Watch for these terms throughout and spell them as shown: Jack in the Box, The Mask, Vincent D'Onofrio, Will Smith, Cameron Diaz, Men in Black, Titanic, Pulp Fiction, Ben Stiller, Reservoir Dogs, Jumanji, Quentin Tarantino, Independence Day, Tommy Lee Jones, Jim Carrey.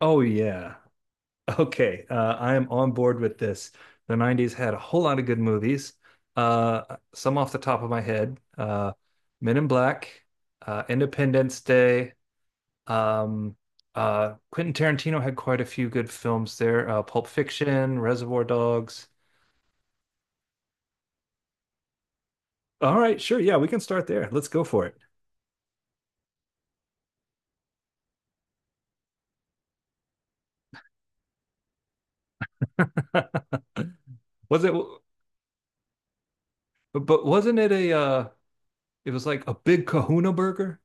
Oh yeah. Okay. I am on board with this. The '90s had a whole lot of good movies. Some off the top of my head. Men in Black, Independence Day. Um, Quentin Tarantino had quite a few good films there. Pulp Fiction, Reservoir Dogs. All right, sure. Yeah, we can start there. Let's go for it. Was it, but wasn't it it was like a big kahuna burger?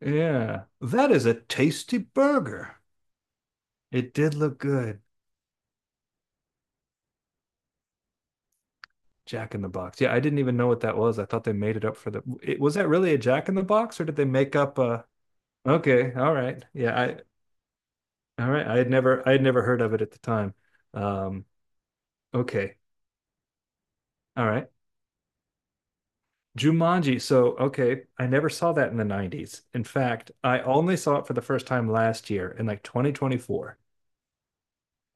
Yeah. That is a tasty burger. It did look good. Jack in the Box. Yeah, I didn't even know what that was. I thought they made it up for the. It, was that really a Jack in the Box, or did they make up a? Okay, all right. Yeah, I all right. I had never heard of it at the time. Um, okay, all right. Jumanji. So okay, I never saw that in the '90s. In fact, I only saw it for the first time last year in like 2024.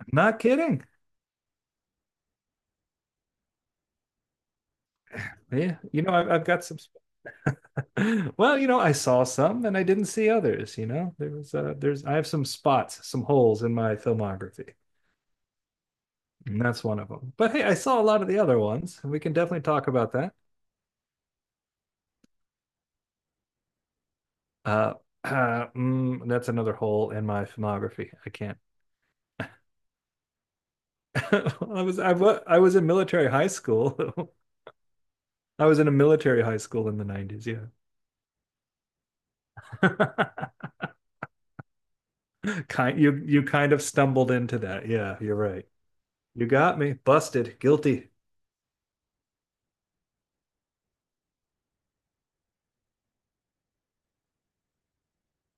I'm not kidding. Yeah, you know, I've got some Well, you know, I saw some and I didn't see others, you know. There's I have some spots, some holes in my filmography. And that's one of them. But hey, I saw a lot of the other ones, and we can definitely talk about that. Uh, that's another hole in my filmography. I can't. I was in military high school. I was in a military high school in the '90s, yeah. Kind you you kind of stumbled into that. Yeah, you're right. You got me. Busted. Guilty.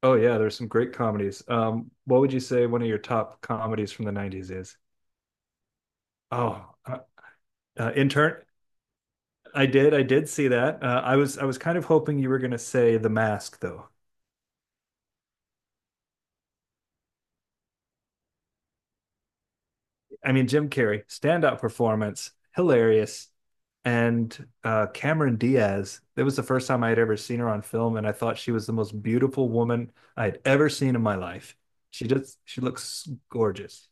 Oh yeah, there's some great comedies. What would you say one of your top comedies from the '90s is? Oh, uh, Intern. I did see that. I was kind of hoping you were going to say The Mask, though. I mean, Jim Carrey, standout performance, hilarious, and Cameron Diaz. That was the first time I had ever seen her on film, and I thought she was the most beautiful woman I had ever seen in my life. She just, she looks gorgeous.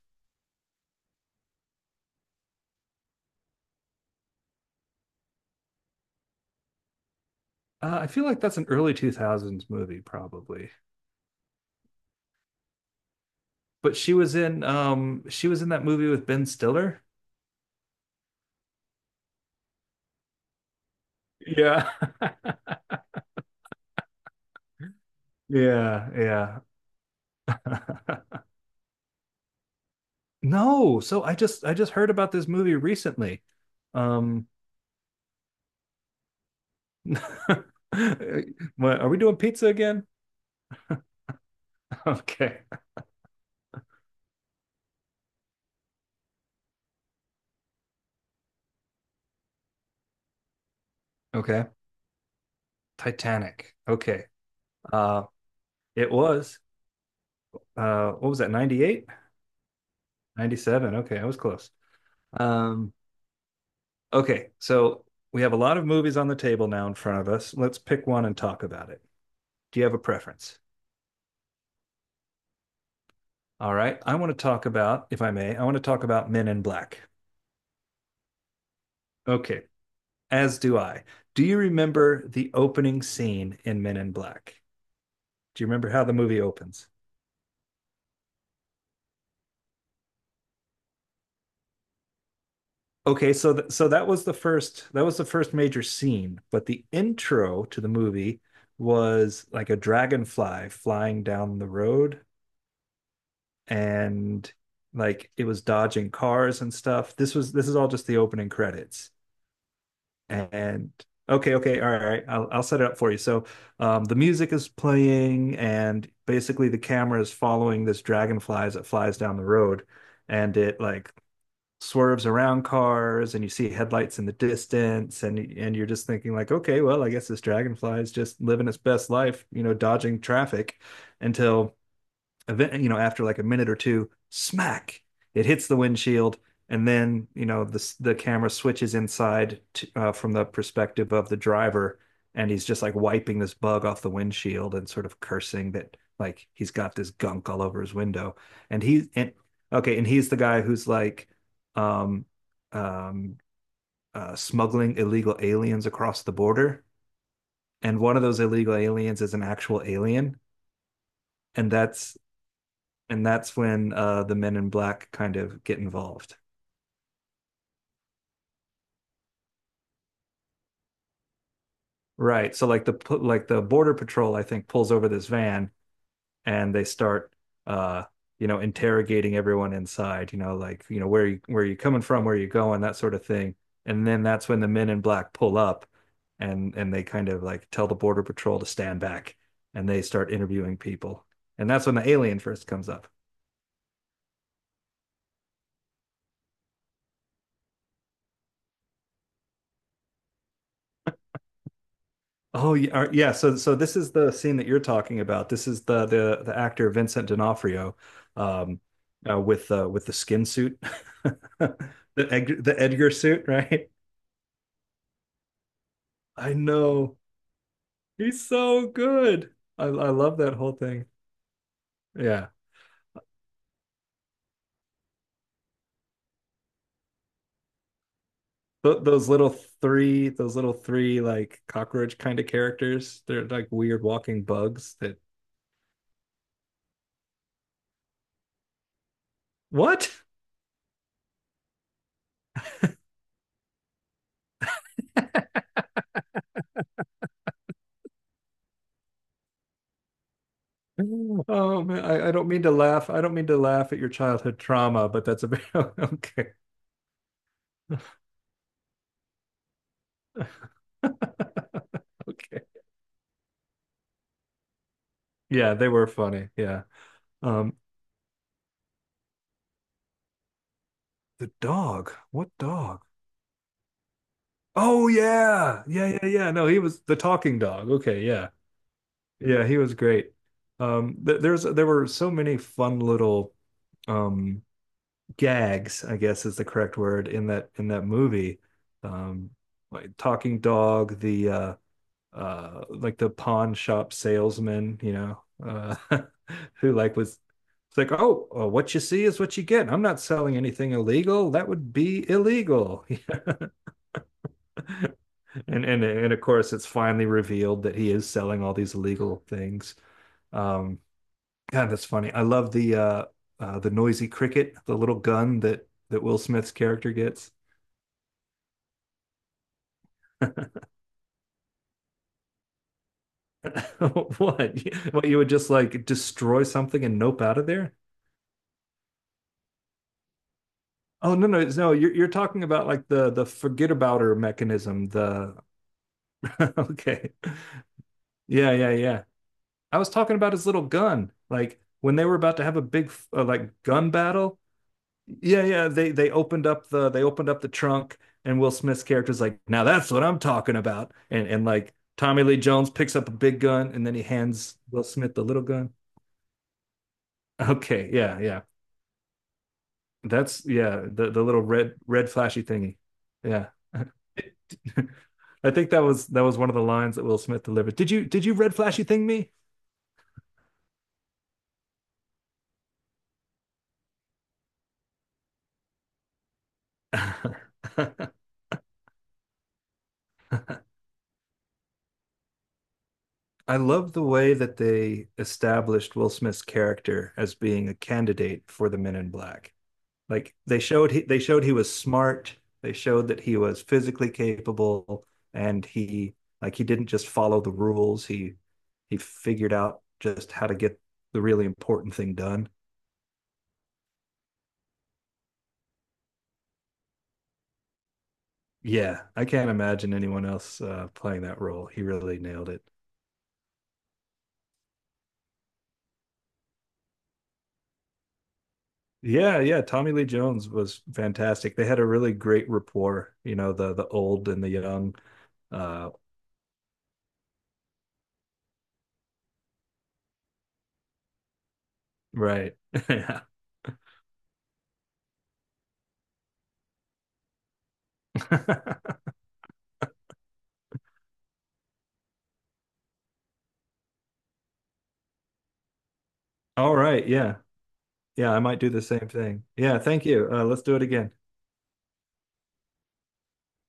I feel like that's an early 2000s movie, probably. But she was in that movie with Ben Stiller. Yeah. Yeah, yeah. No, so I just heard about this movie recently. Um what, are we doing pizza again? Okay. Okay. Titanic. Okay. Uh it was what was that 98? 97. Okay, I was close. Um okay, so we have a lot of movies on the table now in front of us. Let's pick one and talk about it. Do you have a preference? All right. I want to talk about, if I may, I want to talk about Men in Black. Okay. As do I. Do you remember the opening scene in Men in Black? Do you remember how the movie opens? Okay, so th- so that was the first that was the first major scene, but the intro to the movie was like a dragonfly flying down the road and like it was dodging cars and stuff. This is all just the opening credits. And okay, all right. I'll set it up for you. So the music is playing, and basically the camera is following this dragonfly as it flies down the road, and it like swerves around cars, and you see headlights in the distance, and you're just thinking like, okay, well, I guess this dragonfly is just living its best life, you know, dodging traffic, until event, you know, after like a minute or two, smack, it hits the windshield, and then you know the camera switches inside to, from the perspective of the driver, and he's just like wiping this bug off the windshield and sort of cursing that like he's got this gunk all over his window, and okay, and he's the guy who's like, um, um, smuggling illegal aliens across the border. And one of those illegal aliens is an actual alien, and that's when the men in black kind of get involved. Right. So like the border patrol, I think, pulls over this van and they start, uh, you know, interrogating everyone inside. You know, like you know where you, where are you coming from, where are you going, that sort of thing. And then that's when the men in black pull up, and they kind of like tell the border patrol to stand back, and they start interviewing people. And that's when the alien first comes up. Oh yeah, yeah. So so this is the scene that you're talking about. This is the actor Vincent D'Onofrio, um, with the skin suit, the the Edgar suit, right? I know he's so good. I love that whole thing. Yeah, those little three like cockroach kind of characters. They're like weird walking bugs that what? Oh man, I don't mean to laugh. I don't mean to laugh at your childhood trauma, but that's a bit okay. Okay. Yeah, they were funny. Yeah. Um, the dog. What dog? Oh yeah. Yeah, yeah, yeah. No, he was the talking dog. Okay, yeah. Yeah, he was great. Th There's there were so many fun little um gags, I guess is the correct word in that movie. Um, like talking dog, the like the pawn shop salesman, you know, who like was it's like, oh, what you see is what you get. I'm not selling anything illegal. That would be illegal. And of course, it's finally revealed that he is selling all these illegal things. Um, God, that's funny. I love the noisy cricket, the little gun that Will Smith's character gets. What? What, you would just like destroy something and nope out of there? Oh no, you're talking about like the forget abouter mechanism the okay yeah. I was talking about his little gun like when they were about to have a big like gun battle yeah, they opened up the they opened up the trunk and Will Smith's character's like now that's what I'm talking about and like Tommy Lee Jones picks up a big gun and then he hands Will Smith the little gun okay yeah, that's yeah the little red flashy thingy yeah I think that was one of the lines that Will Smith delivered. Did you red flashy thing me? I love the way that they established Will Smith's character as being a candidate for the Men in Black. Like they showed he was smart, they showed that he was physically capable and he didn't just follow the rules, he figured out just how to get the really important thing done. Yeah, I can't imagine anyone else playing that role. He really nailed it. Yeah, yeah. Tommy Lee Jones was fantastic. They had a really great rapport, you know, the old and the young. Uh, right. Yeah. All right. Yeah. Yeah, I might do the same thing. Yeah, thank you. Let's do it again.